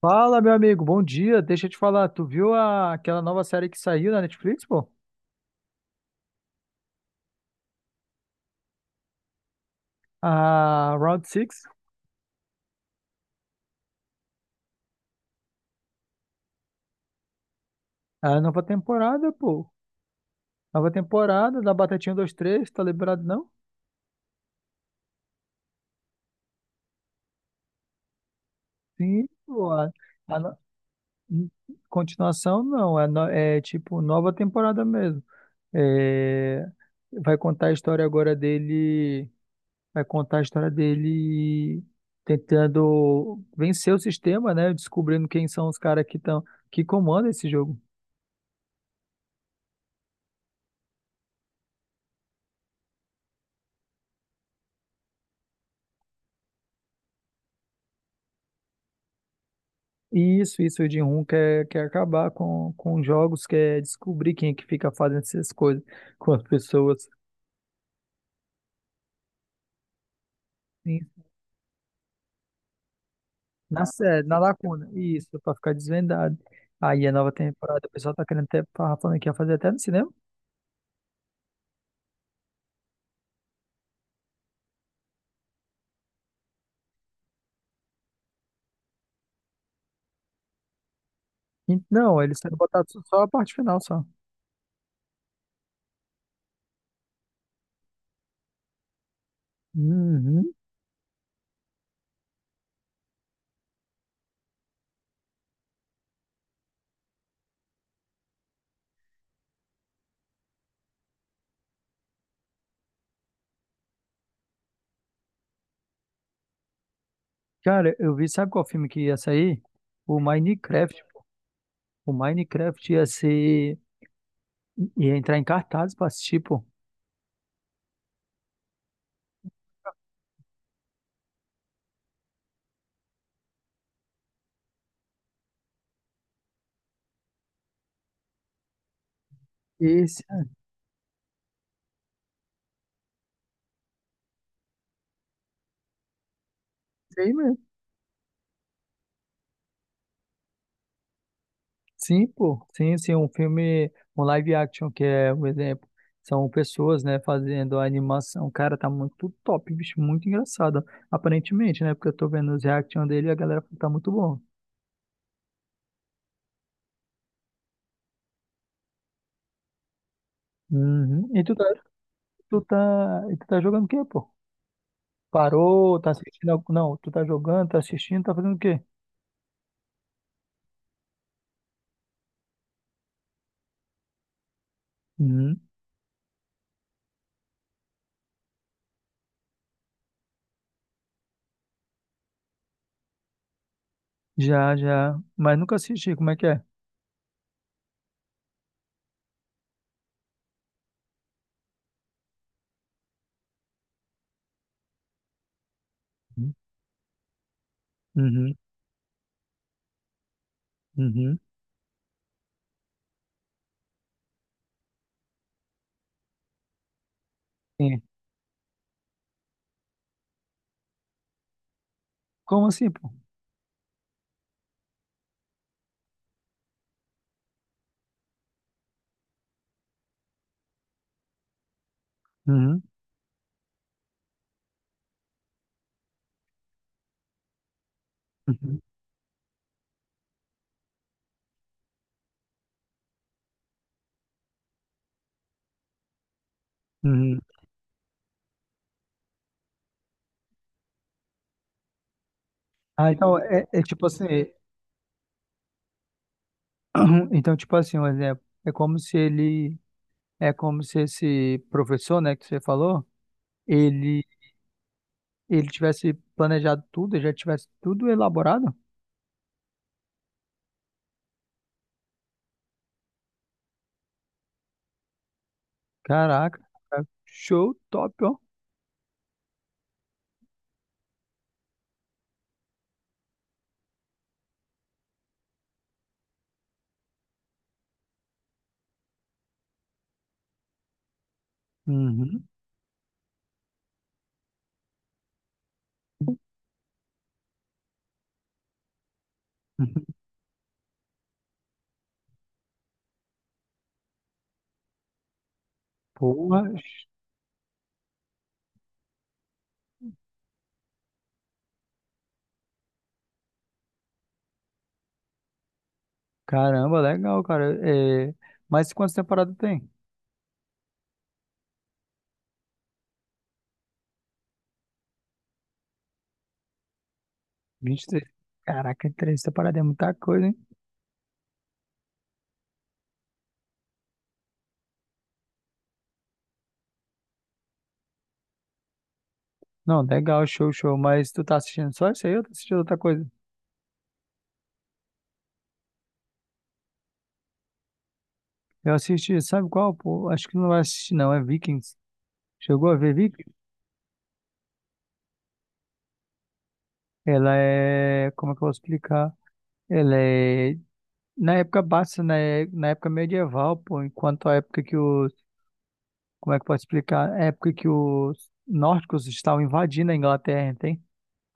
Fala, meu amigo, bom dia. Deixa eu te falar, tu viu aquela nova série que saiu na Netflix, pô? A Round Six, a nova temporada, pô. Nova temporada da Batatinha 23, tá lembrado, não? Sim, pô. A no- hum, Continuação, não. É tipo nova temporada mesmo. É, vai contar a história agora dele. Vai contar a história dele tentando vencer o sistema, né? Descobrindo quem são os caras que estão que comandam esse jogo. Isso, o Jin quer acabar com jogos, quer descobrir quem é que fica fazendo essas coisas com as pessoas assim, na sede, na lacuna. Isso, pra ficar desvendado. Aí a nova temporada, o pessoal tá querendo até, tava falando que ia fazer até no cinema. E não, eles querem botar só a parte final, só. Uhum. Cara, eu vi, sabe qual filme que ia sair? O Minecraft. O Minecraft ia entrar em cartaz pra assistir, pô. Esse, esse aí mesmo. Sim, pô, sim, sim, um filme, um live action que é o exemplo, são pessoas, né, fazendo a animação, cara, tá muito top, bicho, muito engraçado, aparentemente, né, porque eu tô vendo os reaction dele e a galera tá muito bom. Uhum. Tu tá, e tu tá jogando o quê, pô? Parou, tá assistindo, não, tu tá jogando, tá assistindo, tá fazendo o quê? Uhum. Já, já, mas nunca assisti, como é que é? Uhum, uhum, uhum. Sim. Como assim, pô? Uhum, uhum, uhum. Ah, então, é tipo assim, então, tipo assim, um exemplo, é como se ele, é como se esse professor, né, que você falou, ele, ele tivesse planejado tudo, já tivesse tudo elaborado. Caraca, show, top, ó. Uhum. Porra, caramba, legal, cara. É, mas quantas temporadas tem? 23. Caraca, três temporadas é muita coisa, hein? Não, legal, show, show. Mas tu tá assistindo só isso aí ou tá assistindo outra coisa? Eu assisti, sabe qual? Pô, acho que não vai assistir, não. É Vikings. Chegou a ver Vikings? Ela é, como é que eu vou explicar? Ela é na época baixa, né? Na época medieval, pô, enquanto a época que os, como é que eu posso explicar? A época que os nórdicos estavam invadindo a Inglaterra, entende?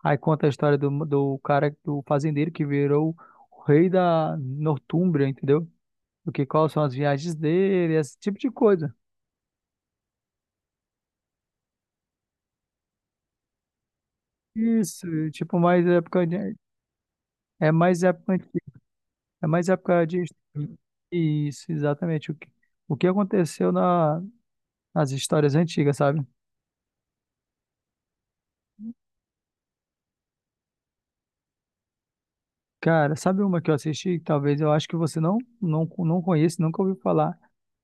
Aí conta a história do cara, do fazendeiro que virou o rei da Nortúmbria, entendeu? O que, quais são as viagens dele, esse tipo de coisa. Isso, tipo, mais época de, é mais época antiga, é mais época de isso, exatamente o que aconteceu na as histórias antigas, sabe? Cara, sabe uma que eu assisti? Que talvez eu acho que você não, não, não conhece, nunca ouviu falar.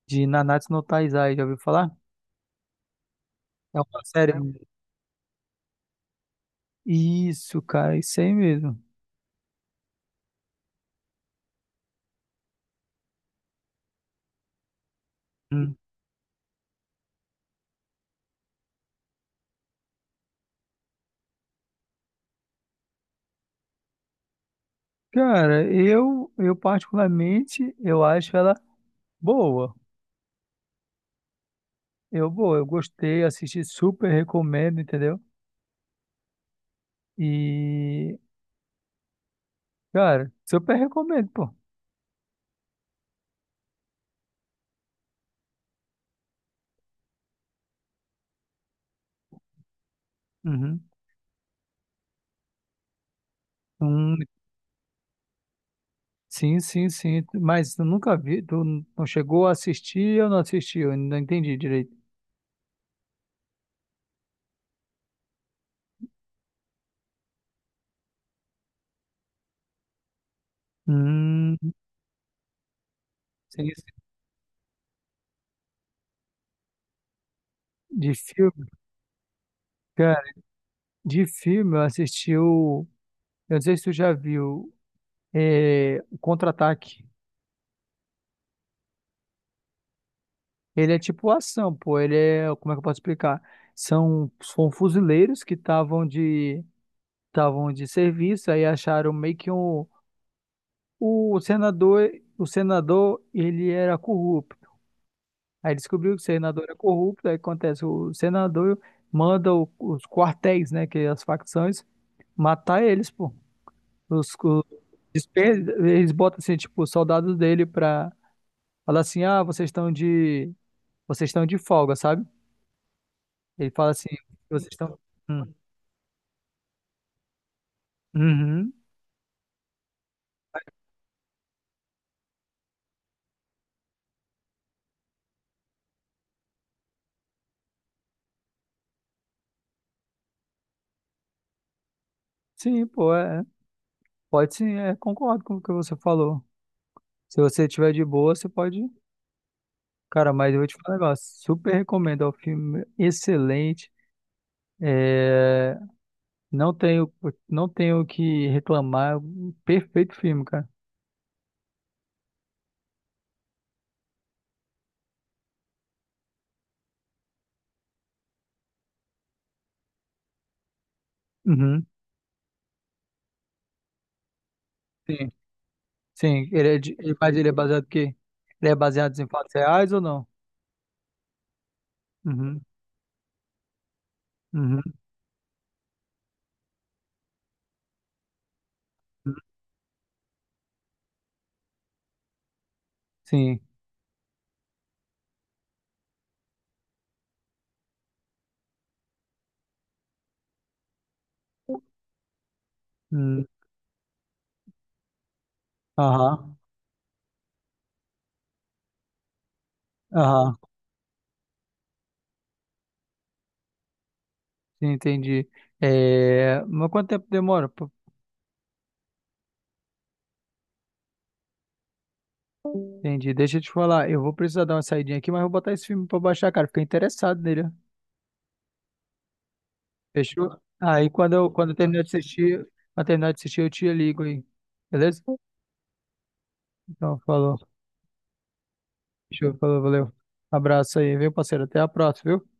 De Nanatsu no Taizai, já ouviu falar? É uma série. Isso, cara, isso aí mesmo. Hum. Cara, eu particularmente, eu acho ela boa. Boa, eu gostei, assisti, super recomendo, entendeu? E, cara, super recomendo, pô. Uhum. Sim, sim, sim. Mas eu nunca vi. Tu não chegou a assistir ou não assistiu? Eu não entendi direito. Hum, sim, sim. De filme, cara, de filme eu assisti o. Eu não sei se tu já viu. É, o Contra-Ataque. Ele é tipo ação, pô. Ele é. Como é que eu posso explicar? São fuzileiros que estavam de. Estavam de serviço, aí acharam meio que um. O senador. O senador, ele era corrupto. Aí descobriu que o senador é corrupto, aí acontece, o senador manda os quartéis, né, que é as facções, matar eles, pô. Os, os, despe- Eles botam, assim, tipo, os soldados dele pra falar assim, ah, vocês estão de folga, sabe? Ele fala assim, vocês estão... Hum, uhum. Sim, pô, é. Pode sim, é, concordo com o que você falou. Se você tiver de boa, você pode... Cara, mas eu vou te falar um negócio, super recomendo, é um filme excelente, é... Não tenho, não tenho o que reclamar. Um perfeito filme, cara. Uhum. Sim, sim. Ele é de, ele- Mas ele é baseado em quê? Ele é baseado em fatos reais ou não? Uhum. Uhum. Uhum. Sim. Hum. Aham. Aham. Sim, entendi. É, mas quanto tempo demora, pô? Entendi. Deixa eu te falar. Eu vou precisar dar uma saidinha aqui, mas vou botar esse filme pra baixar, cara. Fiquei interessado nele, ó. Fechou? Aí quando eu terminar de assistir, eu te ligo aí. Beleza? Então, falou. Show, falou, valeu. Abraço aí, viu, parceiro? Até a próxima, viu?